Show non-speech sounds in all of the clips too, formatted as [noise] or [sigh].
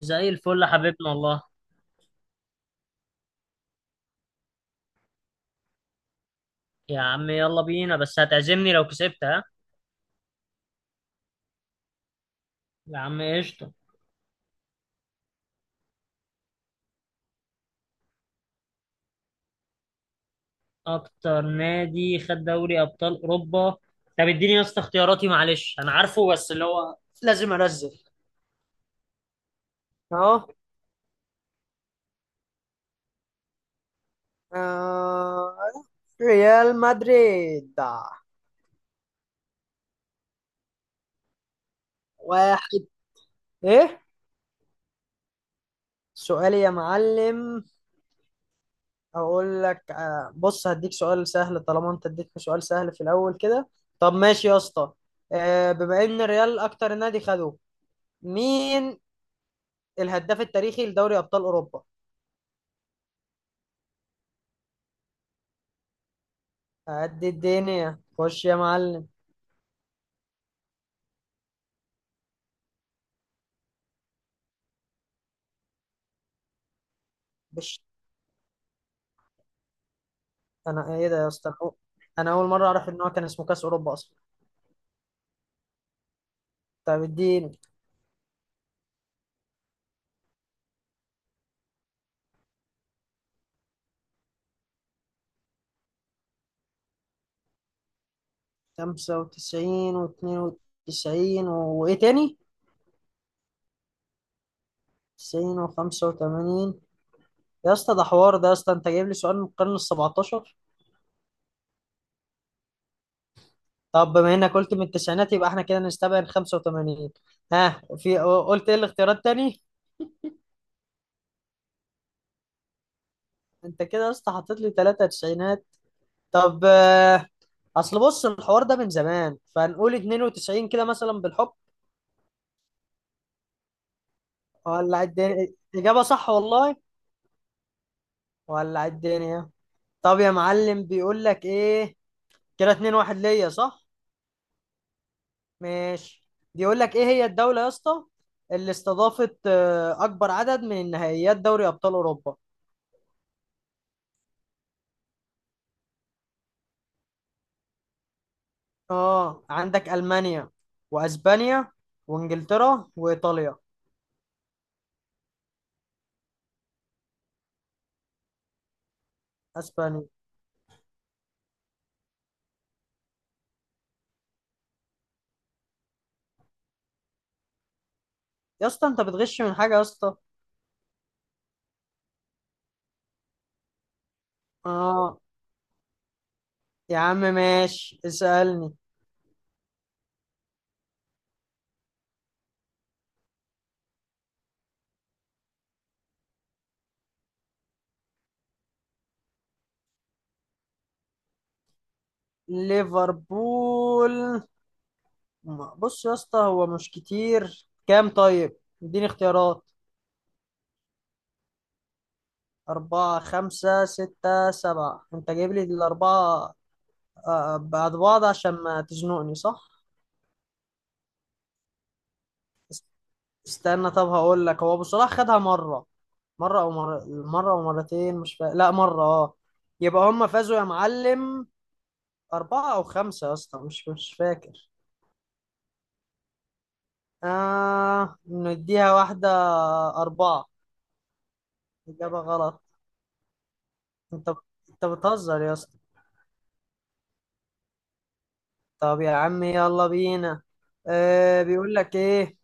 زي الفل يا حبيبنا والله. يا عم يلا بينا، بس هتعزمني لو كسبت؟ ها. يا عم قشطة. أكتر نادي خد دوري أبطال أوروبا؟ طب اديني يا اسطى اختياراتي، معلش أنا عارفه بس اللي هو لازم أنزل. اهو. آه، ريال مدريد. واحد. ايه؟ سؤالي يا معلم. اقول لك، بص، هديك سؤال سهل طالما انت اديتني سؤال سهل في الاول كده. طب ماشي يا اسطى. بما ان الريال اكتر نادي خده، مين الهداف التاريخي لدوري ابطال اوروبا؟ قد الدنيا، خش يا معلم. بش انا ايه ده يا اسطى، انا اول مره اعرف ان هو كان اسمه كاس اوروبا اصلا. طب اديني. 95 و92، وايه تاني؟ 90 و85. يا اسطى ده حوار، ده يا اسطى انت جايب لي سؤال من القرن ال 17. طب بما انك قلت من التسعينات، يبقى احنا كده نستبعد 85. ها، في قلت ايه الاختيارات تاني؟ انت كده يا اسطى حطيت لي ثلاثة تسعينات. طب اصل بص الحوار ده من زمان، فنقول 92 كده مثلا بالحب. ولع الدنيا. اجابه صح والله. ولع الدنيا. طب يا معلم بيقول لك ايه. كده 2-1 ليا، صح؟ ماشي. بيقول لك ايه هي الدوله يا اسطى اللي استضافت اكبر عدد من نهائيات دوري ابطال اوروبا؟ اه، عندك المانيا واسبانيا وانجلترا وايطاليا. اسبانيا. يا اسطى انت بتغش من حاجه يا اسطى؟ اه. يا عم ماشي اسالني. ليفربول. بص يا اسطى، هو مش كتير، كام طيب؟ اديني اختيارات. أربعة خمسة ستة سبعة. أنت جايب لي الأربعة بعد بعض عشان ما تزنقني، صح؟ است- استنى، طب هقول لك، هو أبو صلاح خدها مرة، مرة أو مرة مرة أو مرتين، مش فا... لا مرة، أه. يبقى هم فازوا يا معلم أربعة أو خمسة، يا اسطى مش فاكر. آه، نديها واحدة. أربعة. إجابة غلط. انت انت بتهزر يا اسطى؟ طب يا عم يلا بينا. آه بيقول لك ايه.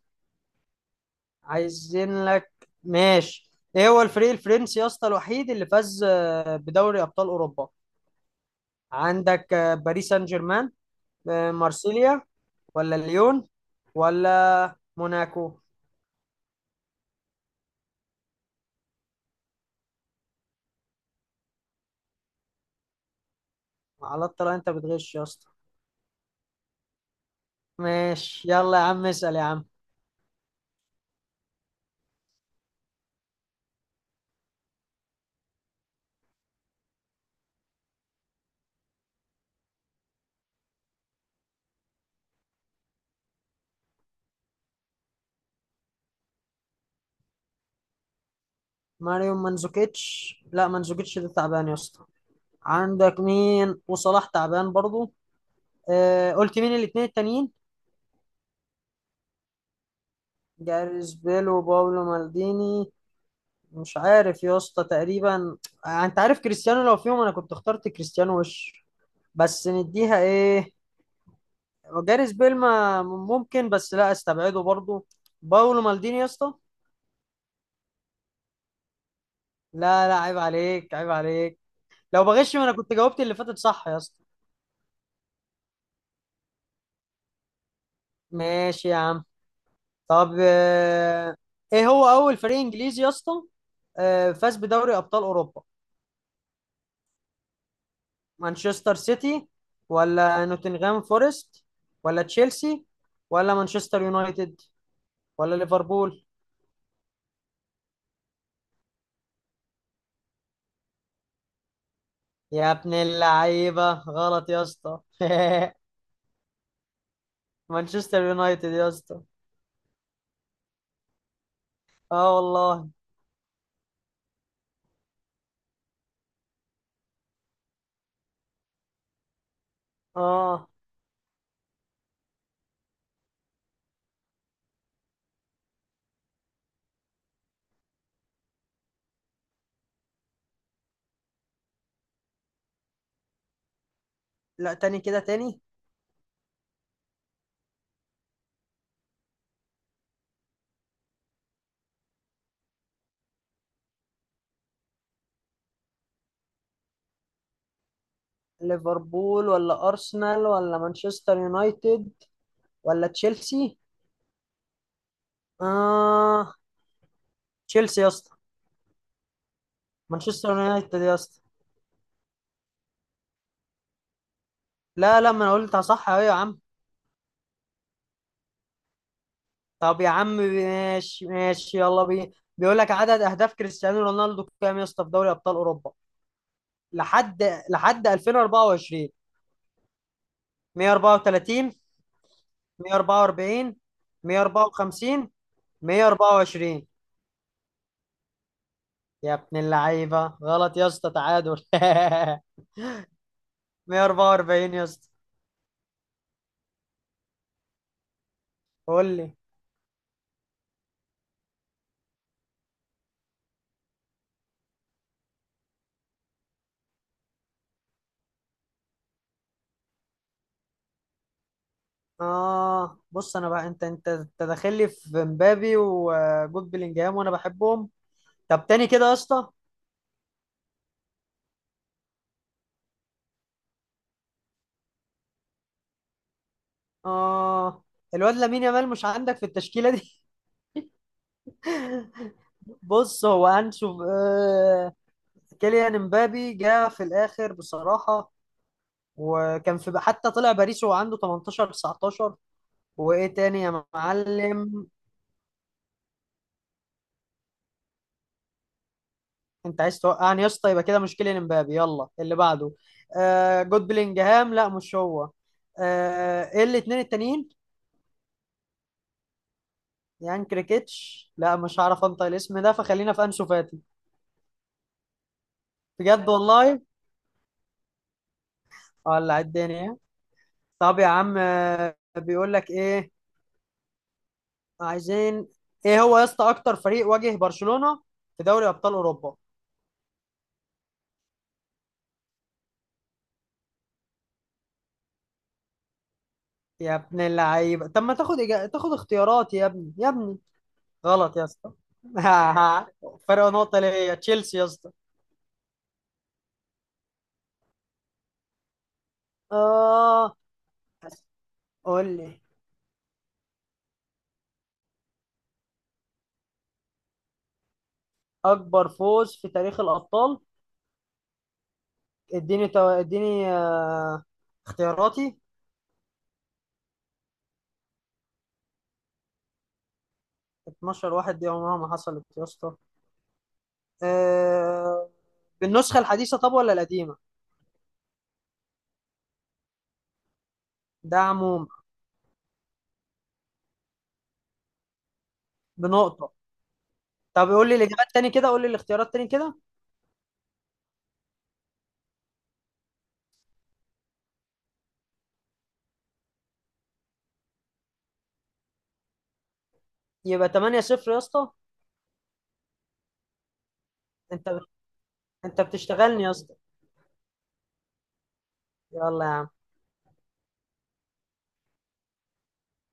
عايزين لك. ماشي، ايه هو الفريق الفرنسي يا اسطى الوحيد اللي فاز بدوري ابطال اوروبا؟ عندك باريس سان جيرمان، مارسيليا، ولا ليون، ولا موناكو. على الطلاق انت بتغش يا اسطى. ماشي يلا يا عم، اسال يا عم. ماريو منزوكيتش. لا، منزوكيتش ده تعبان يا اسطى. عندك مين؟ وصلاح تعبان برضو. آه، قلت مين الاثنين التانيين؟ جاريث بيل وباولو مالديني. مش عارف يا اسطى تقريبا. انت عارف كريستيانو لو فيهم انا كنت اخترت كريستيانو وش. بس نديها ايه؟ جاريث بيل ما ممكن، بس لا استبعده برضو. باولو مالديني يا اسطى. لا لا، عيب عليك عيب عليك. لو بغش ما انا كنت جاوبت اللي فاتت صح يا اسطى. ماشي يا عم. طب ايه هو اول فريق انجليزي يا اسطى فاز بدوري ابطال اوروبا؟ مانشستر سيتي، ولا نوتنغهام فورست، ولا تشيلسي، ولا مانشستر يونايتد، ولا ليفربول؟ يا ابن اللعيبة، غلط يا اسطى. [laughs] مانشستر يونايتد يا اسطى. اه والله. اه. لا تاني كده، تاني. ليفربول ولا أرسنال ولا مانشستر يونايتد ولا تشيلسي. اه. تشيلسي يا اسطى. مانشستر يونايتد يا اسطى. لا لا، ما انا قلت صح اهو يا عم. طب يا عم ماشي ماشي يلا بينا. بيقول لك عدد اهداف كريستيانو رونالدو كام يا اسطى في دوري ابطال اوروبا لحد لحد 2024؟ 134؟ 144؟ 154؟ 124؟ يا ابن اللعيبه، غلط يا اسطى، تعادل. [laughs] 144 يا اسطى. قول لي. اه، بص انا بقى انت داخل لي في مبابي وجود بلينجهام وانا بحبهم. طب تاني كده يا اسطى. اه، الواد لامين يامال مش عندك في التشكيله دي؟ [laughs] بص هو هنشوف آه. كيليان امبابي جه في الاخر بصراحه، وكان في حتى طلع باريس وهو عنده 18 19، وايه تاني يا معلم؟ انت عايز توقعني يا اسطى، يبقى كده مش كيليان امبابي، يلا اللي بعده. آه جود بلينجهام لا مش هو. آه، ايه الاثنين التانيين؟ يعني كريكيتش لا، مش هعرف انطق الاسم ده، فخلينا في انسو فاتي. بجد والله؟ ولا الدنيا. طب يا عم، بيقول لك ايه. عايزين. ايه هو يا اسطى اكتر فريق واجه برشلونة في دوري ابطال اوروبا؟ يا ابن اللعيبه، طب ما تاخد تاخد اختيارات يا ابني يا ابني؟ غلط يا اسطى. [laughs] فرق نقطة ليا، تشيلسي يا اسطى. اه قول لي. اكبر فوز في تاريخ الابطال. اديني اديني اختياراتي. 12 واحد دي عمرها ما حصلت يا اسطى. آه... بالنسخة الحديثة، طب ولا القديمة؟ ده عموم بنقطة. طب قول لي الإجابات تاني كده، قول لي الاختيارات تاني كده. يبقى 8-0 يا اسطى. أنت أنت بتشتغلني يا اسطى؟ يلا يا عم.